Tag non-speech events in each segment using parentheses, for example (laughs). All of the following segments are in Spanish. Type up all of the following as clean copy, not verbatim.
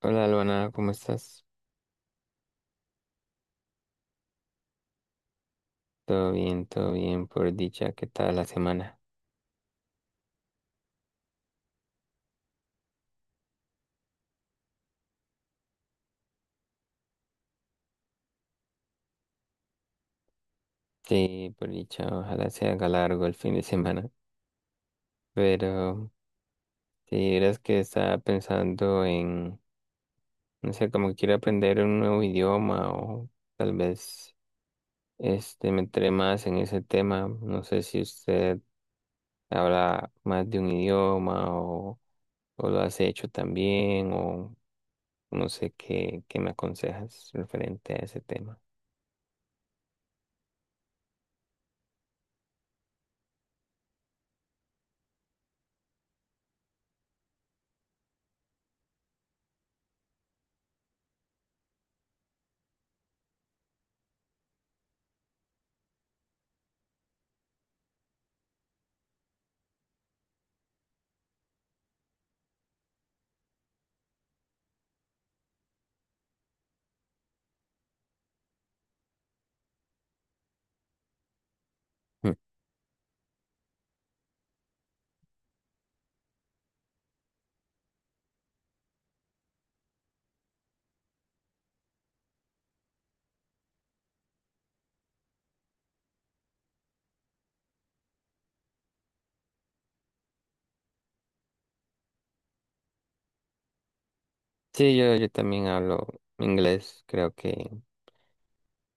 Hola, Luana, ¿cómo estás? Todo bien, por dicha, ¿qué tal la semana? Sí, por dicha, ojalá se haga largo el fin de (laughs) semana. Pero si eras que estaba pensando en, no sé, como que quiero aprender un nuevo idioma o tal vez este me entré más en ese tema. No sé si usted habla más de un idioma o lo has hecho también o no sé qué, qué me aconsejas referente a ese tema. Sí, yo también hablo inglés, creo que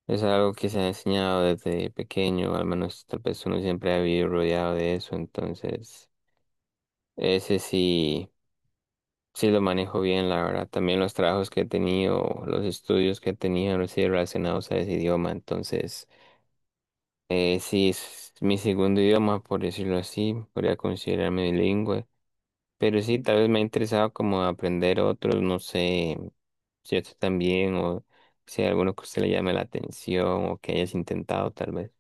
es algo que se ha enseñado desde pequeño, al menos tal vez uno siempre ha vivido rodeado de eso, entonces ese sí, sí lo manejo bien, la verdad. También los trabajos que he tenido, los estudios que he tenido han sido relacionados a ese idioma, entonces sí es mi segundo idioma, por decirlo así, podría considerarme bilingüe. Pero sí, tal vez me ha interesado como aprender otros, no sé si usted también o si hay alguno que a usted le llame la atención o que hayas intentado tal vez.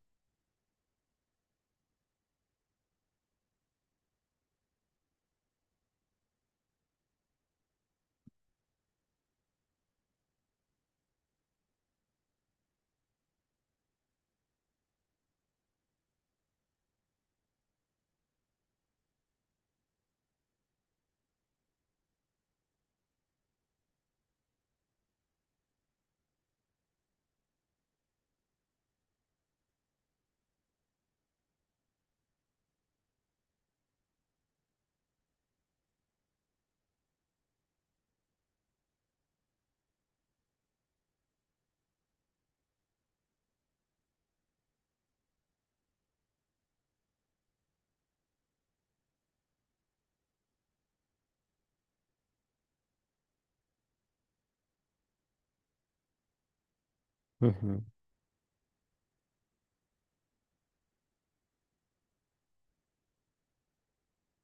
Ujú.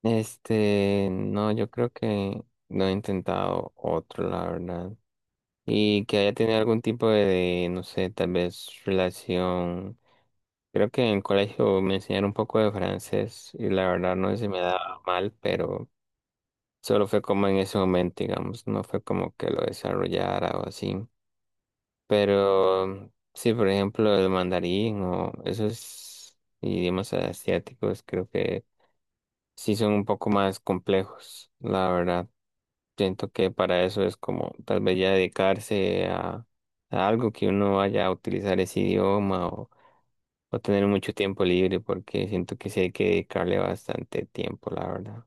Este, no, yo creo que no he intentado otro, la verdad. Y que haya tenido algún tipo de, no sé, tal vez relación. Creo que en el colegio me enseñaron un poco de francés y la verdad no se me daba mal, pero solo fue como en ese momento, digamos, no fue como que lo desarrollara o así. Pero sí, por ejemplo, el mandarín o esos idiomas asiáticos creo que sí son un poco más complejos, la verdad. Siento que para eso es como tal vez ya dedicarse a algo que uno vaya a utilizar ese idioma o tener mucho tiempo libre, porque siento que sí hay que dedicarle bastante tiempo, la verdad.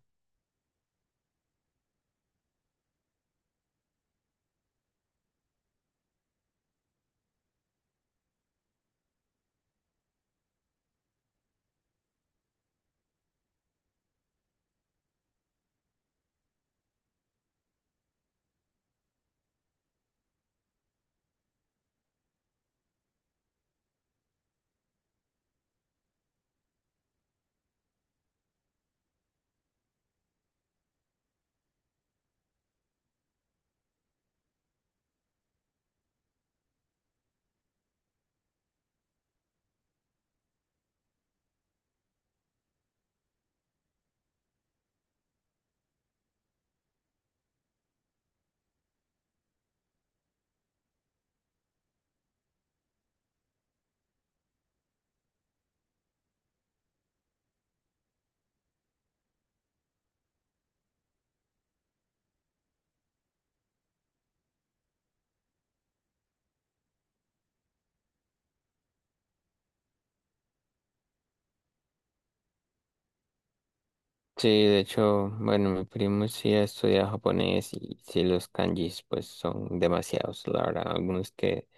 Sí, de hecho, bueno, mi primo sí estudia japonés y sí los kanjis pues son demasiados, la verdad, algunos que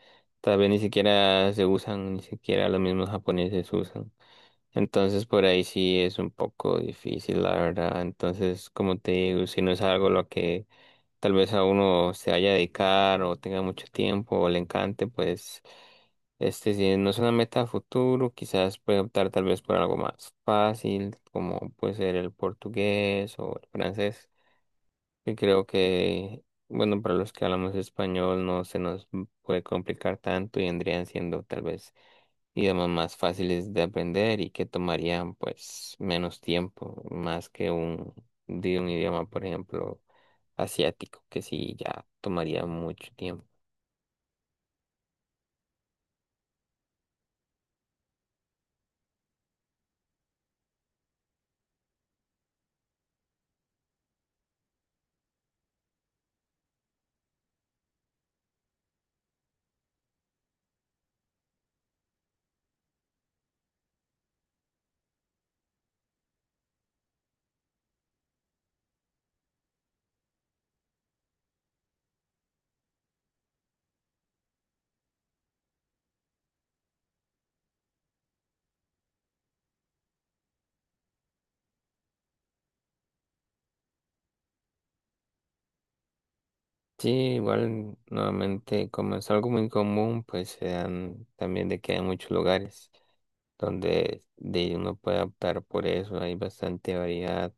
tal vez ni siquiera se usan, ni siquiera los mismos japoneses usan. Entonces por ahí sí es un poco difícil, la verdad. Entonces, como te digo, si no es algo lo que tal vez a uno se vaya a dedicar o tenga mucho tiempo o le encante, pues este si no es una meta a futuro, quizás puede optar tal vez por algo más fácil, como puede ser el portugués o el francés que creo que, bueno, para los que hablamos español no se nos puede complicar tanto y vendrían siendo tal vez idiomas más fáciles de aprender y que tomarían pues menos tiempo, más que un, de un idioma, por ejemplo, asiático, que sí ya tomaría mucho tiempo. Sí, igual nuevamente como es algo muy común, pues se dan también de que hay muchos lugares donde de uno puede optar por eso, hay bastante variedad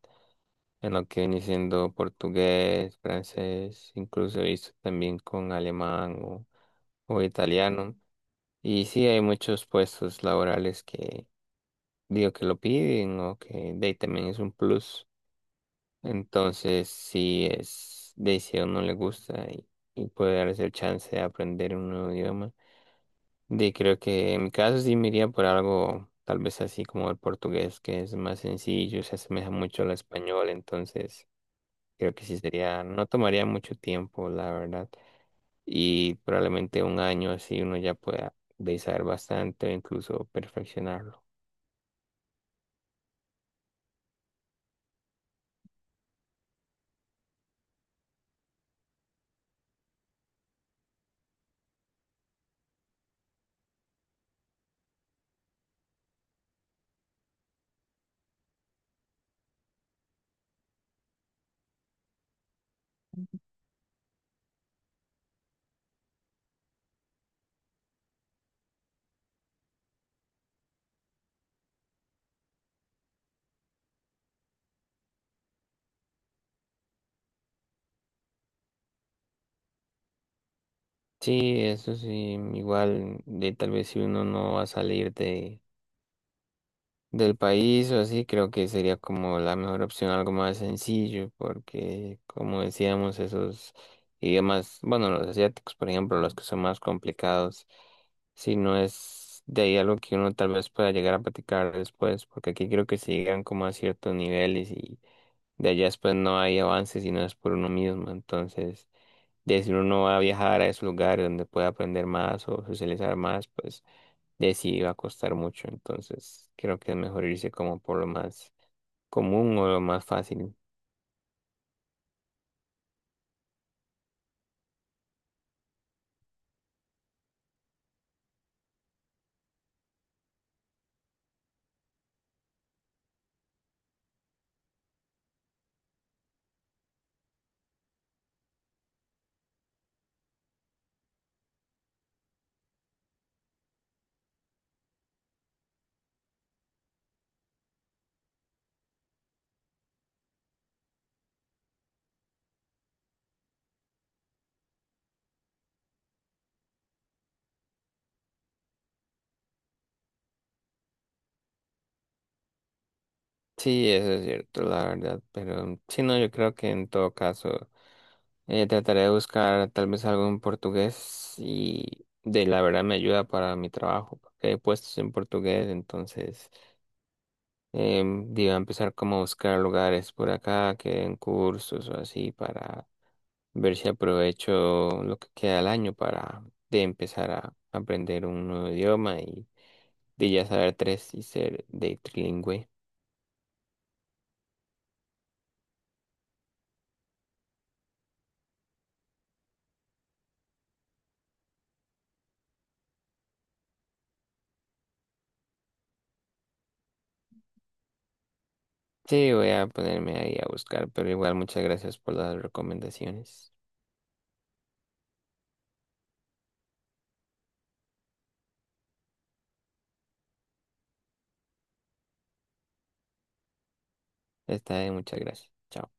en lo que viene siendo portugués, francés, incluso he visto también con alemán o italiano. Y sí, hay muchos puestos laborales que digo que lo piden o que de ahí también es un plus. Entonces, sí es de ahí si a uno le gusta y puede darse el chance de aprender un nuevo idioma. De creo que en mi caso sí me iría por algo tal vez así como el portugués, que es más sencillo, se asemeja mucho al español, entonces creo que sí sería, no tomaría mucho tiempo, la verdad. Y probablemente un año así uno ya pueda besar bastante o incluso perfeccionarlo. Sí, eso sí, igual de tal vez si uno no va a salir de del país o así, creo que sería como la mejor opción, algo más sencillo, porque como decíamos, esos idiomas, bueno, los asiáticos, por ejemplo, los que son más complicados si no es de ahí algo que uno tal vez pueda llegar a platicar después, porque aquí creo que se llegan como a ciertos niveles y de allá después no hay avances si no es por uno mismo. Entonces, de si uno va a viajar a esos lugares donde puede aprender más o socializar más, pues de sí va a costar mucho. Entonces, creo que es mejor irse como por lo más común o lo más fácil. Sí, eso es cierto, la verdad, pero sí, no, yo creo que en todo caso trataré de buscar tal vez algo en portugués y de la verdad me ayuda para mi trabajo, porque hay puestos en portugués, entonces eh, digo, empezar como a buscar lugares por acá que den cursos o así para ver si aprovecho lo que queda del año para de empezar a aprender un nuevo idioma y de ya saber tres y ser de trilingüe. Sí, voy a ponerme ahí a buscar, pero igual muchas gracias por las recomendaciones. Está bien, muchas gracias. Chao.